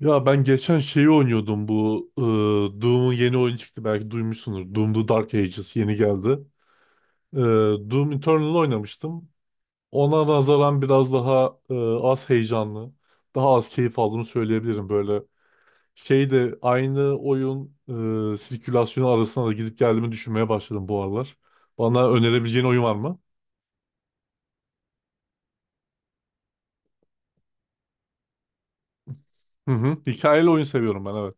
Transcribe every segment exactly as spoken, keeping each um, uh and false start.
Ya ben geçen şeyi oynuyordum bu e, Doom'un yeni oyun çıktı belki duymuşsunuz. Doom The Dark Ages yeni geldi. E, Doom Eternal oynamıştım. Ona nazaran biraz daha e, az heyecanlı, daha az keyif aldığımı söyleyebilirim. Böyle şey de aynı oyun e, sirkülasyonu arasında da gidip geldiğimi düşünmeye başladım bu aralar. Bana önerebileceğin oyun var mı? Hı hı. Hikayeli oyun seviyorum ben evet.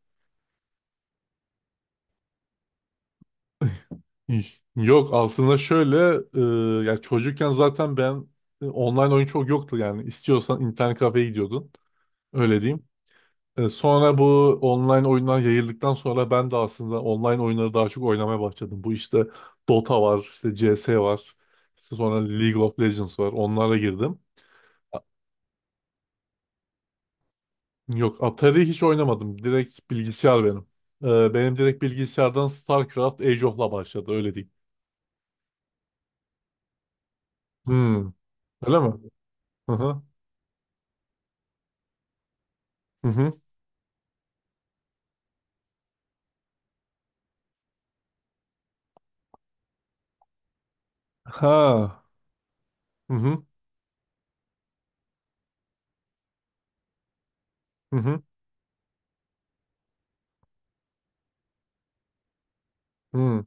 Yok aslında şöyle e, ya çocukken zaten ben e, online oyun çok yoktu yani istiyorsan internet kafeye gidiyordun öyle diyeyim. E, sonra bu online oyunlar yayıldıktan sonra ben de aslında online oyunları daha çok oynamaya başladım. Bu işte Dota var, işte C S var, işte sonra League of Legends var onlara girdim. Yok Atari hiç oynamadım direkt bilgisayar benim. E, benim direkt bilgisayardan StarCraft Age of'la başladı öyle diyeyim. Hmm, öyle mi? Hı hı. Hı hı. Ha. Hı hı hı hı hı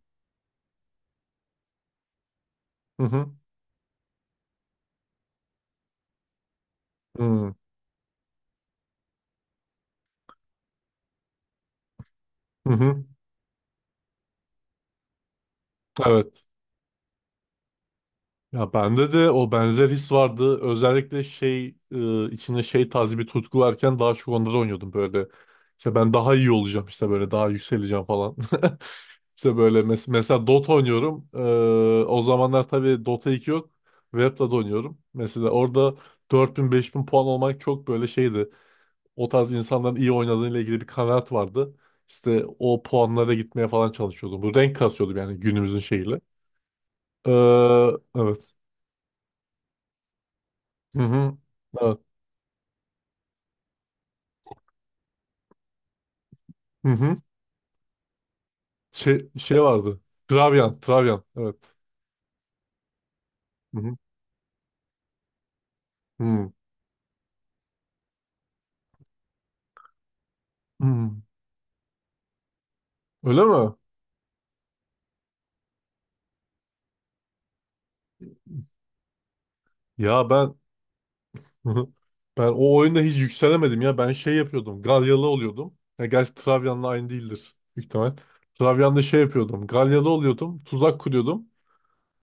hı hı hı hı hı. Evet. Ya bende de o benzer his vardı. Özellikle şey e, içinde şey tarzı bir tutku varken daha çok onları oynuyordum böyle. İşte ben daha iyi olacağım işte böyle daha yükseleceğim falan. İşte böyle mes- mesela Dota oynuyorum. E, o zamanlar tabii Dota iki yok. Web'de de oynuyorum. Mesela orada dört bin beş bin puan olmak çok böyle şeydi. O tarz insanların iyi oynadığıyla ilgili bir kanaat vardı. İşte o puanlara gitmeye falan çalışıyordum. Bu renk kasıyordum yani günümüzün şeyiyle. Ee, evet. Hı hı. Evet. Hı hı. Şey, şey vardı. Travyan. Travyan. Evet. Hı hı. Hı. Hı. Öyle mi? Ya ben ben o oyunda hiç yükselemedim ya. Ben şey yapıyordum. Galyalı oluyordum. Ya gerçi Travyan'la aynı değildir. Büyük ihtimal. Travyan'da şey yapıyordum. Galyalı oluyordum. Tuzak kuruyordum.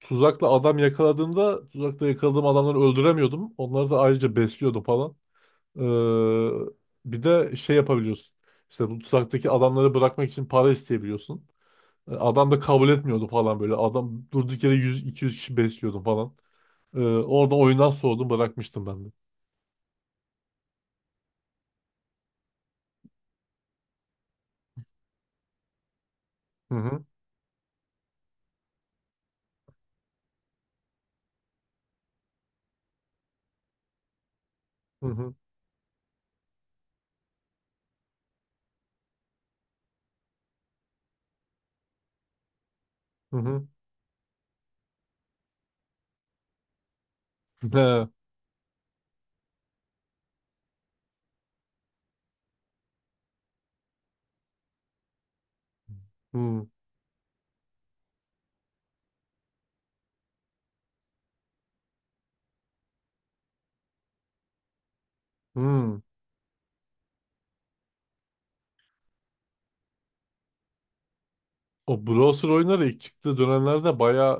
Tuzakla adam yakaladığımda tuzakla yakaladığım adamları öldüremiyordum. Onları da ayrıca besliyordum falan. Ee, bir de şey yapabiliyorsun. İşte bu tuzaktaki adamları bırakmak için para isteyebiliyorsun. Ee, Adam da kabul etmiyordu falan böyle. Adam durduk yere yüz iki yüz kişi besliyordum falan. Ee, orada oyundan soğudum bırakmıştım ben de. Hı hı hı hı hı hı. He, hı, hı. O browser oyunları ilk çıktığı dönemlerde bayağı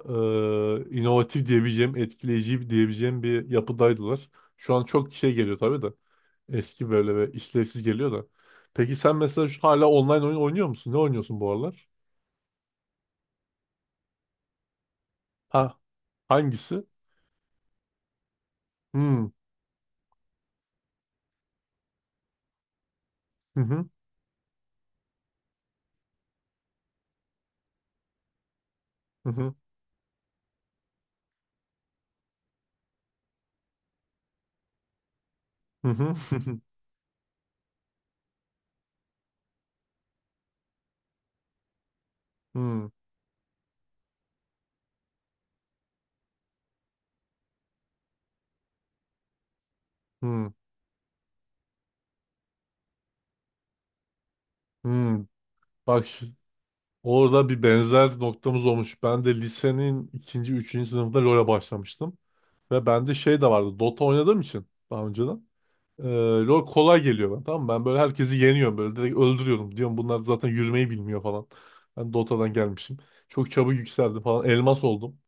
e, inovatif diyebileceğim, etkileyici diyebileceğim bir yapıdaydılar. Şu an çok şey geliyor tabii de. Eski böyle ve işlevsiz geliyor da. Peki sen mesela şu- hala online oyun oynuyor musun? Ne oynuyorsun bu aralar? Ha, hangisi? Hmm. Hı hı. Hı hı. Hı hı. Hmm. Hmm. Hmm. Bak şu- orada bir benzer noktamız olmuş. Ben de lisenin ikinci, üçüncü sınıfında LoL'e başlamıştım. Ve bende şey de vardı. Dota oynadığım için daha önceden. Ee, LoL kolay geliyor bana tamam mı? Ben böyle herkesi yeniyorum böyle direkt öldürüyorum. Diyorum bunlar zaten yürümeyi bilmiyor falan. Ben Dota'dan gelmişim. Çok çabuk yükseldim falan. Elmas oldum.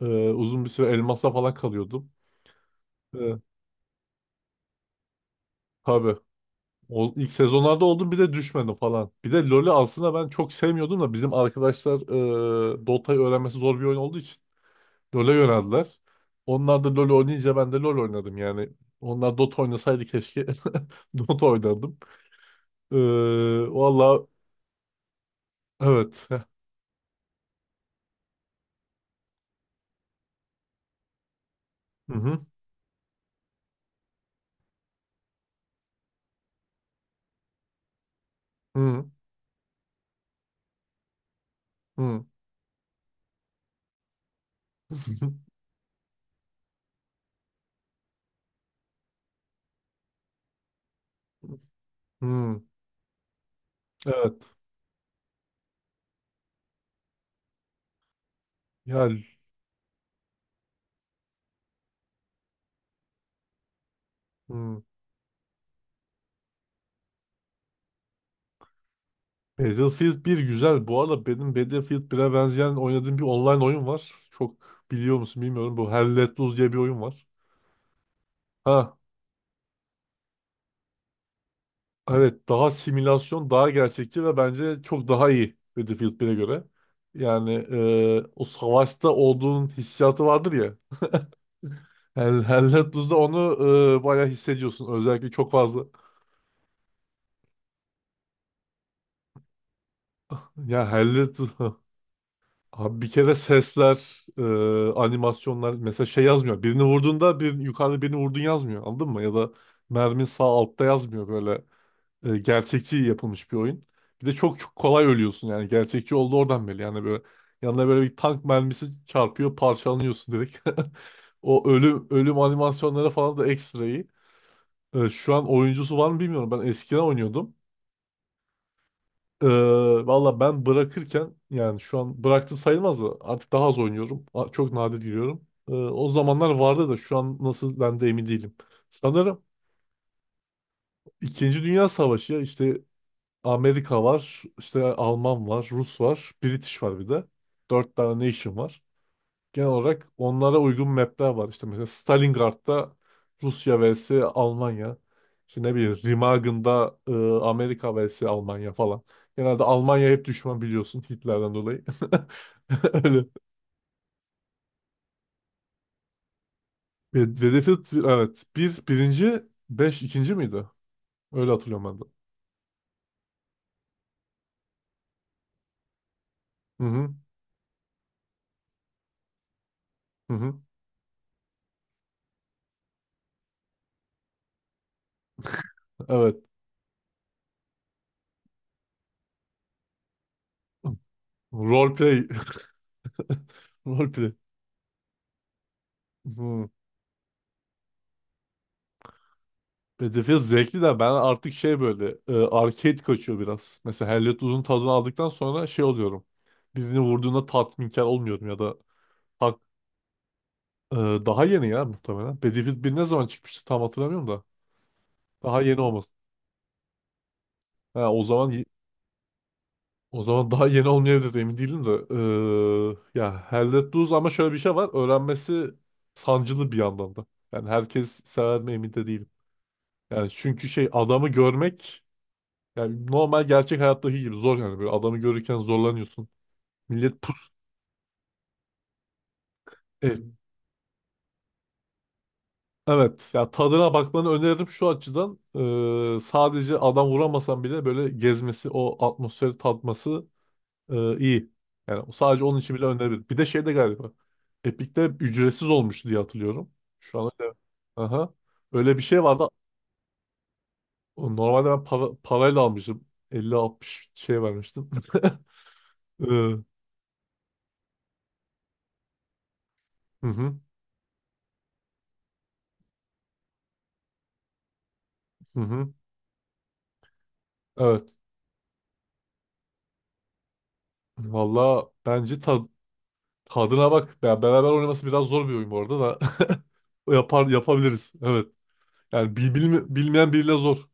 Ee, uzun bir süre elmasla falan kalıyordum. Ee, tabii. O, ilk sezonlarda oldum bir de düşmedim falan. Bir de LoL'ü aslında ben çok sevmiyordum da bizim arkadaşlar e, Dota'yı öğrenmesi zor bir oyun olduğu için LoL'e yöneldiler. Onlar da LoL oynayınca ben de LoL oynadım yani. Onlar Dota oynasaydı keşke Dota oynardım. Ee, Vallahi evet. Heh. Hı hı. Hı hı. Hı. Hı. Evet. Yani hı. Battlefield bir güzel. Bu arada benim Battlefield bire benzeyen oynadığım bir online oyun var. Çok biliyor musun bilmiyorum. Bu Hell Let Loose diye bir oyun var. Ha, evet daha simülasyon, daha gerçekçi ve bence çok daha iyi Battlefield bire göre. Yani e, o savaşta olduğun hissiyatı vardır ya. Hell, Hell Let Loose'da onu e, bayağı hissediyorsun. Özellikle çok fazla. Ya Hell Let Loose abi bir kere sesler, e, animasyonlar mesela şey yazmıyor. Birini vurduğunda bir yukarıda birini vurdun yazmıyor. Anladın mı? Ya da mermin sağ altta yazmıyor böyle. E, gerçekçi yapılmış bir oyun. Bir de çok çok kolay ölüyorsun yani gerçekçi oldu oradan belli. Yani böyle yanına böyle bir tank mermisi çarpıyor, parçalanıyorsun direkt. O ölüm ölüm animasyonları falan da ekstra iyi. E, şu an oyuncusu var mı bilmiyorum. Ben eskiden oynuyordum. Ee, valla ben bırakırken yani şu an bıraktım sayılmaz da artık daha az oynuyorum. A- Çok nadir giriyorum. Ee, o zamanlar vardı da şu an nasıl ben de emin değilim. Sanırım İkinci Dünya Savaşı ya işte Amerika var, işte Alman var, Rus var, British var bir de. Dört tane nation var genel olarak onlara uygun mapler var. İşte mesela Stalingrad'da Rusya vs Almanya. İşte ne bileyim Remagen'da e, Amerika vs Almanya falan. Genelde Almanya hep düşman biliyorsun Hitler'den dolayı. Öyle. Ve- ve Battlefield evet. Bir birinci, beş ikinci miydi? Öyle hatırlıyorum ben de. Hı hı. Hı hı. Evet. Roleplay. Roleplay. Hı. Battlefield zevkli de ben artık şey böyle e, arcade kaçıyor biraz. Mesela Hellet Uzun tadını aldıktan sonra şey oluyorum. Birini vurduğunda tatminkar olmuyorum ya da hak- e, daha yeni ya muhtemelen. Battlefield bir ne zaman çıkmıştı tam hatırlamıyorum da. Daha yeni olmasın. Ha, o zaman o zaman daha yeni olmayabilir emin değilim de. E, ya Hellet Uzun ama şöyle bir şey var. Öğrenmesi sancılı bir yandan da. Yani herkes sever mi emin de değilim. Yani çünkü şey adamı görmek yani normal gerçek hayattaki gibi zor yani. Böyle adamı görürken zorlanıyorsun. Millet pus. Evet. Evet. Ya tadına bakmanı öneririm şu açıdan. Ee, sadece adam vuramasan bile böyle gezmesi, o atmosferi tatması e, iyi. Yani sadece onun için bile öneririm. Bir de şey de galiba. Epic'te ücretsiz olmuştu diye hatırlıyorum. Şu an öyle. Aha. Öyle bir şey vardı. Normalde ben para, parayla almıştım. elli altmış şey vermiştim. Ee, hı hı, hı hı. Evet. Valla bence tad- tadına bak. Ya beraber oynaması biraz zor bir oyun bu arada da. Yapar, yapabiliriz. Evet. Yani bil- bilme- bilmeyen biriyle zor.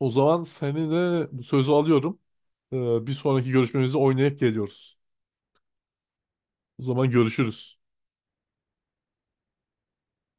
O zaman seni de bu sözü alıyorum. Ee, bir sonraki görüşmemizi oynayıp geliyoruz. O zaman görüşürüz.